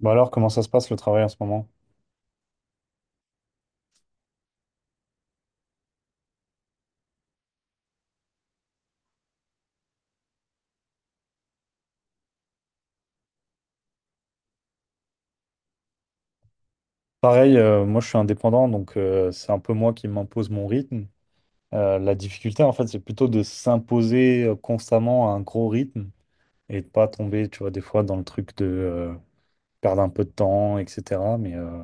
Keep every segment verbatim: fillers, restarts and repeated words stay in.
Bah alors, comment ça se passe le travail en ce moment? Pareil, euh, moi je suis indépendant, donc euh, c'est un peu moi qui m'impose mon rythme. Euh, la difficulté, en fait, c'est plutôt de s'imposer euh, constamment à un gros rythme et de pas tomber, tu vois, des fois dans le truc de euh, perdre un peu de temps, et cetera. Mais, euh,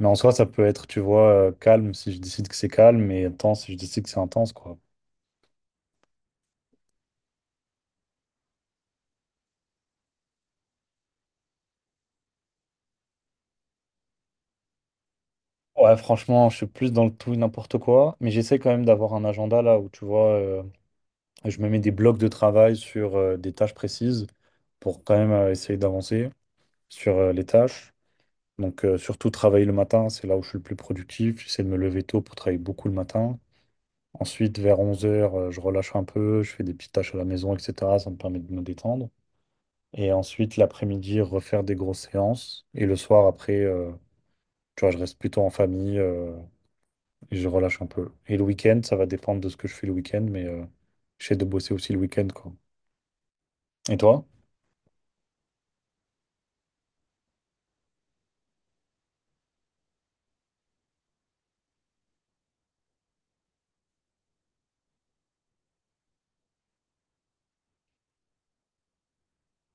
mais en soi, ça peut être, tu vois, euh, calme si je décide que c'est calme et intense si je décide que c'est intense, quoi. Ouais, franchement, je suis plus dans le tout et n'importe quoi, mais j'essaie quand même d'avoir un agenda là où, tu vois... euh, Et je me mets des blocs de travail sur euh, des tâches précises pour quand même euh, essayer d'avancer sur euh, les tâches. Donc, euh, surtout travailler le matin, c'est là où je suis le plus productif. J'essaie de me lever tôt pour travailler beaucoup le matin. Ensuite, vers onze heures euh, je relâche un peu, je fais des petites tâches à la maison, et cetera. Ça me permet de me détendre. Et ensuite, l'après-midi, refaire des grosses séances. Et le soir, après, euh, tu vois, je reste plutôt en famille euh, et je relâche un peu. Et le week-end, ça va dépendre de ce que je fais le week-end, mais euh, j'essaie de bosser aussi le week-end, quoi. Et toi?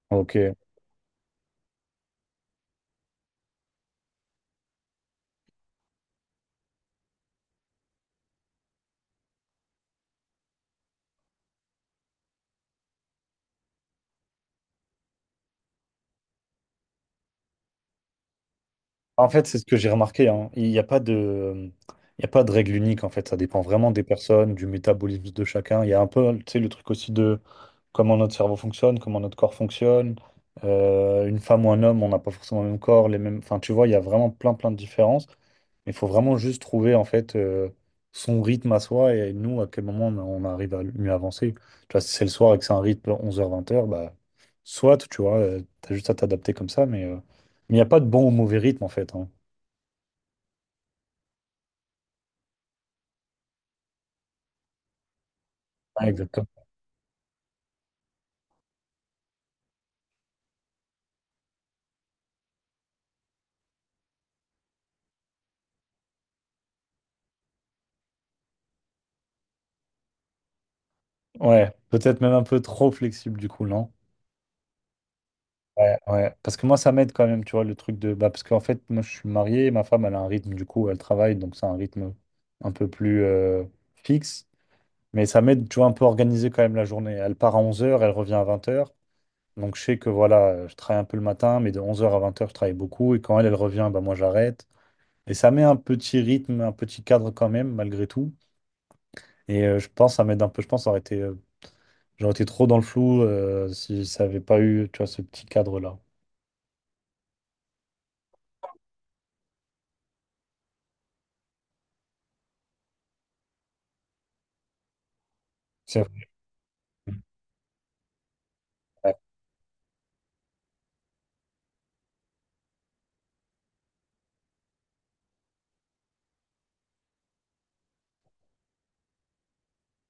Ok. En fait, c'est ce que j'ai remarqué, hein. Il n'y a pas de, il y a pas de règle unique, en fait. Ça dépend vraiment des personnes, du métabolisme de chacun. Il y a un peu, tu sais, le truc aussi de comment notre cerveau fonctionne, comment notre corps fonctionne. Euh, une femme ou un homme, on n'a pas forcément le même corps, les mêmes, enfin, tu vois, il y a vraiment plein, plein de différences. Il faut vraiment juste trouver, en fait, euh, son rythme à soi et nous, à quel moment on on arrive à mieux avancer. Tu vois, si c'est le soir et que c'est un rythme onze heures vingt heures, bah, soit, tu vois, tu as juste à t'adapter comme ça, mais... euh, mais il n'y a pas de bon ou mauvais rythme en fait, hein. Ouais, exactement. Ouais, peut-être même un peu trop flexible du coup, non? Ouais, ouais. Parce que moi, ça m'aide quand même, tu vois, le truc de... Bah, parce qu'en fait, moi, je suis marié, ma femme, elle a un rythme, du coup, elle travaille, donc c'est un rythme un peu plus euh, fixe. Mais ça m'aide, tu vois, un peu organiser quand même la journée. Elle part à onze heures, elle revient à vingt heures. Donc je sais que, voilà, je travaille un peu le matin, mais de onze heures à vingt heures je travaille beaucoup. Et quand elle, elle revient, bah, moi, j'arrête. Et ça met un petit rythme, un petit cadre quand même, malgré tout. Et euh, je pense, ça m'aide un peu. Je pense, ça aurait été j'aurais été trop dans le flou euh, si ça avait pas eu, tu vois, ce petit cadre-là. C'est vrai. Ouais.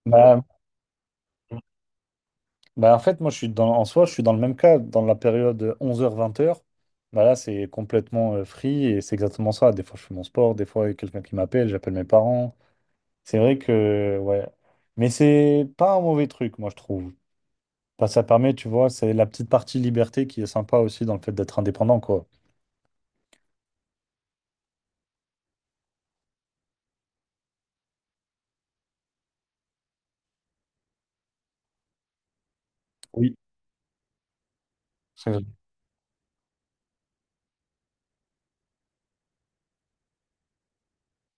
Bah, bah, en fait, moi, je suis dans, en soi, je suis dans le même cas, dans la période onze heures-vingt heures. Bah là, c'est complètement euh, free et c'est exactement ça. Des fois, je fais mon sport, des fois, il y a quelqu'un qui m'appelle, j'appelle mes parents. C'est vrai que, ouais. Mais c'est pas un mauvais truc, moi, je trouve. Bah, ça permet, tu vois, c'est la petite partie liberté qui est sympa aussi dans le fait d'être indépendant, quoi. Oui. C'est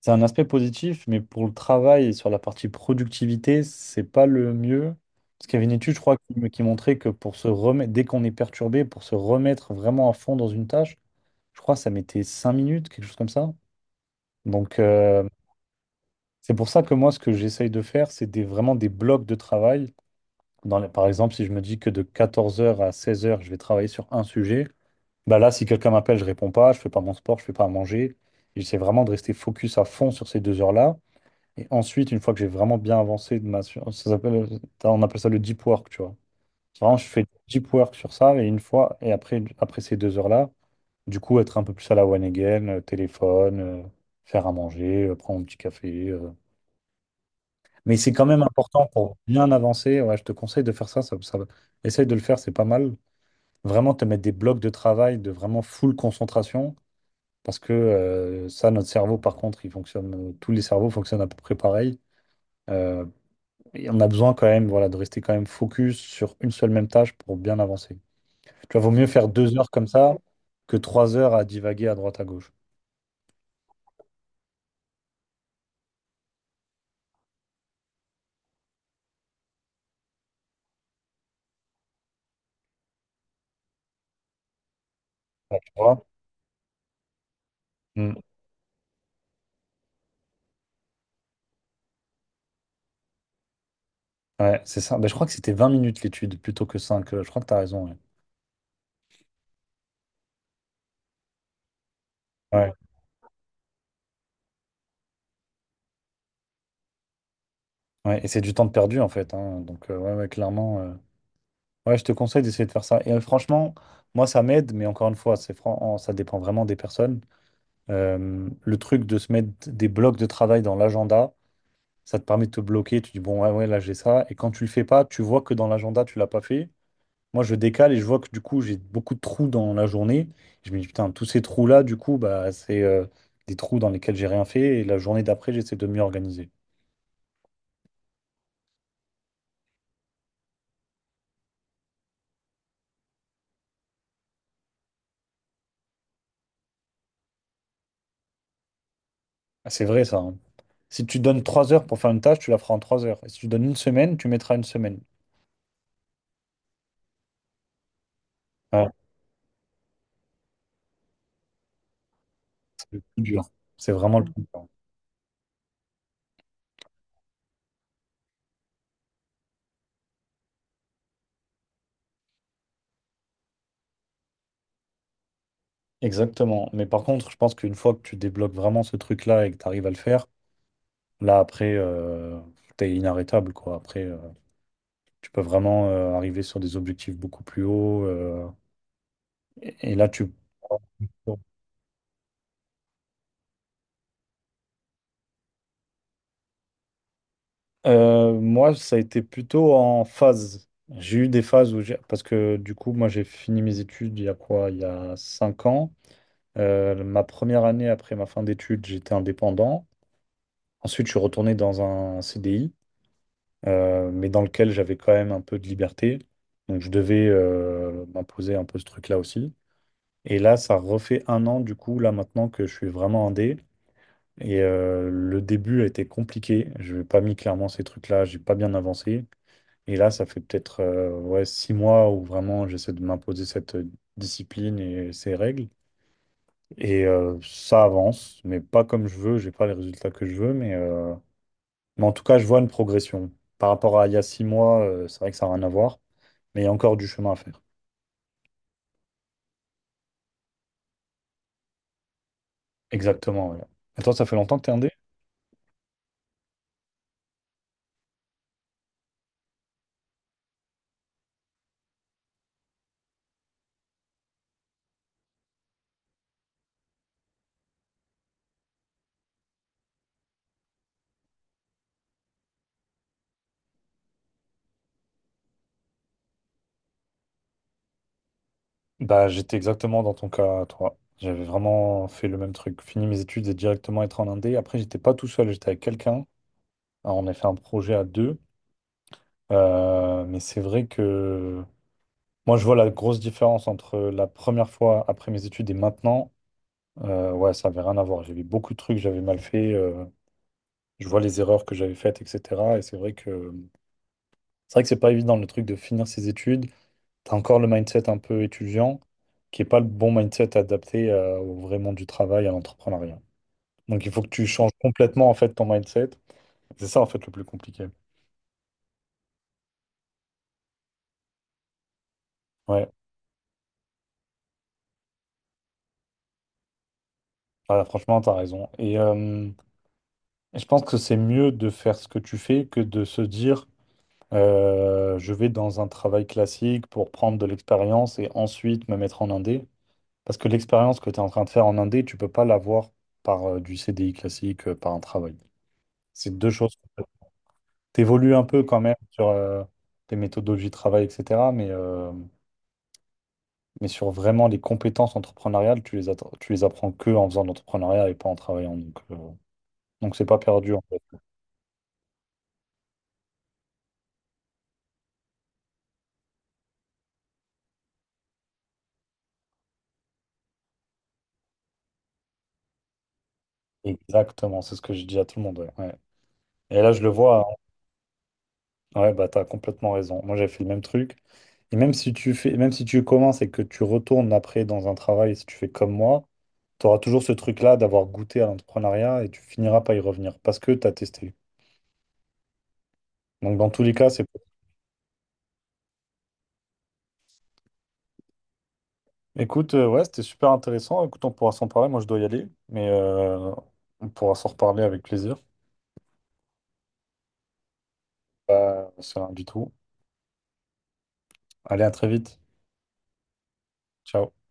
C'est un aspect positif, mais pour le travail et sur la partie productivité, c'est pas le mieux. Parce qu'il y avait une étude, je crois, qui, qui montrait que pour se remettre, dès qu'on est perturbé, pour se remettre vraiment à fond dans une tâche, je crois que ça mettait cinq minutes, quelque chose comme ça. Donc, euh, c'est pour ça que moi, ce que j'essaye de faire, c'est des, vraiment des blocs de travail. Dans les- par exemple, si je me dis que de quatorze heures à seize heures, je vais travailler sur un sujet, bah là, si quelqu'un m'appelle, je réponds pas, je fais pas mon sport, je fais pas à manger. J'essaie vraiment de rester focus à fond sur ces deux heures-là. Et ensuite, une fois que j'ai vraiment bien avancé de ma, sur- ça s'appelle, euh, on appelle ça le deep work, tu vois. Vraiment, je fais deep work sur ça et une fois, et après, après ces deux heures-là, du coup, être un peu plus à la one again, euh, téléphone, euh, faire à manger, euh, prendre un petit café. euh. Mais c'est quand même important pour bien avancer. Ouais, je te conseille de faire ça, ça, ça va- Essaye de le faire, c'est pas mal. Vraiment te mettre des blocs de travail de vraiment full concentration parce que euh, ça, notre cerveau, par contre, il fonctionne, tous les cerveaux fonctionnent à peu près pareil. Euh, Et on a besoin quand même, voilà, de rester quand même focus sur une seule même tâche pour bien avancer. Tu vois, vaut mieux faire deux heures comme ça que trois heures à divaguer à droite à gauche. Ouais, tu vois? Mm. Ouais, c'est ça. Ben, je crois que c'était vingt minutes l'étude plutôt que cinq euh, Je crois que tu as raison. Ouais. Ouais. Ouais, et c'est du temps de perdu en fait, hein. Donc, euh, ouais, ouais, clairement. euh, Ouais, je te conseille d'essayer de faire ça. Et euh, franchement, moi, ça m'aide, mais encore une fois, c'est fran- en- ça dépend vraiment des personnes. Euh, le truc de se mettre des blocs de travail dans l'agenda. Ça te permet de te bloquer, tu dis bon, ouais, ouais, là j'ai ça. Et quand tu le fais pas, tu vois que dans l'agenda, tu l'as pas fait. Moi, je décale et je vois que du coup, j'ai beaucoup de trous dans la journée. Je me dis putain, tous ces trous-là, du coup, bah, c'est euh, des trous dans lesquels j'ai rien fait. Et la journée d'après, j'essaie de mieux organiser. Ah, c'est vrai ça, hein. Si tu donnes trois heures pour faire une tâche, tu la feras en trois heures. Et si tu donnes une semaine, tu mettras une semaine. Ouais, c'est le plus dur. C'est vraiment le plus dur. Exactement. Mais par contre, je pense qu'une fois que tu débloques vraiment ce truc-là et que tu arrives à le faire, là, après, euh, t'es inarrêtable, quoi. Après, euh, tu peux vraiment euh, arriver sur des objectifs beaucoup plus hauts. euh, et, et là, tu... Euh, moi, ça a été plutôt en phase. J'ai eu des phases où j'ai... Parce que du coup, moi, j'ai fini mes études il y a quoi? Il y a cinq ans. Euh, ma première année après ma fin d'études, j'étais indépendant. Ensuite, je suis retourné dans un C D I, euh, mais dans lequel j'avais quand même un peu de liberté. Donc, je devais euh, m'imposer un peu ce truc-là aussi. Et là, ça refait un an, du coup, là maintenant que je suis vraiment indé. Et euh, le début a été compliqué. Je n'ai pas mis clairement ces trucs-là, j'ai pas bien avancé. Et là, ça fait peut-être euh, ouais, six mois où vraiment j'essaie de m'imposer cette euh, discipline et ces règles. Et euh, ça avance, mais pas comme je veux, j'ai pas les résultats que je veux, mais, euh, mais en tout cas, je vois une progression. Par rapport à il y a six mois, euh, c'est vrai que ça n'a rien à voir, mais il y a encore du chemin à faire. Exactement, ouais. Et toi, ça fait longtemps que t'es indé? Bah, j'étais exactement dans ton cas, toi. J'avais vraiment fait le même truc. Fini mes études et directement être en indé. Après, j'étais pas tout seul, j'étais avec quelqu'un. Alors, on a fait un projet à deux. Euh, mais c'est vrai que moi, je vois la grosse différence entre la première fois après mes études et maintenant. Euh, ouais, ça avait rien à voir. J'avais beaucoup de trucs, que j'avais mal fait. euh, Je vois les erreurs que j'avais faites, et cetera. Et c'est vrai que c'est vrai que c'est pas évident le truc de finir ses études. T'as encore le mindset un peu étudiant, qui est pas le bon mindset adapté euh, au vrai monde du travail, à l'entrepreneuriat. Donc il faut que tu changes complètement en fait ton mindset. C'est ça en fait le plus compliqué. Ouais, voilà, franchement, t'as raison. Et euh, je pense que c'est mieux de faire ce que tu fais que de se dire euh, je vais dans un travail classique pour prendre de l'expérience et ensuite me mettre en indé. Parce que l'expérience que tu es en train de faire en indé, tu peux pas l'avoir par euh, du C D I classique, euh, par un travail. C'est deux choses. T'évolues un peu quand même sur euh, tes méthodologies de travail, et cetera. Mais, euh, mais sur vraiment les compétences entrepreneuriales, tu les, attra- tu les apprends que en faisant de l'entrepreneuriat et pas en travaillant. Donc, euh, donc c'est pas perdu en fait. Exactement, c'est ce que je dis à tout le monde. Ouais, ouais. Et là, je le vois, hein. Ouais, bah t'as complètement raison. Moi, j'avais fait le même truc. Et même si tu fais, même si tu commences et que tu retournes après dans un travail, si tu fais comme moi, tu auras toujours ce truc-là d'avoir goûté à l'entrepreneuriat et tu finiras par y revenir parce que tu as testé. Donc dans tous les cas, c'est... Écoute, euh, ouais, c'était super intéressant. Écoute, on pourra s'en parler. Moi, je dois y aller, mais euh, on pourra s'en reparler avec plaisir. C'est rien du tout. Allez, à très vite. Ciao.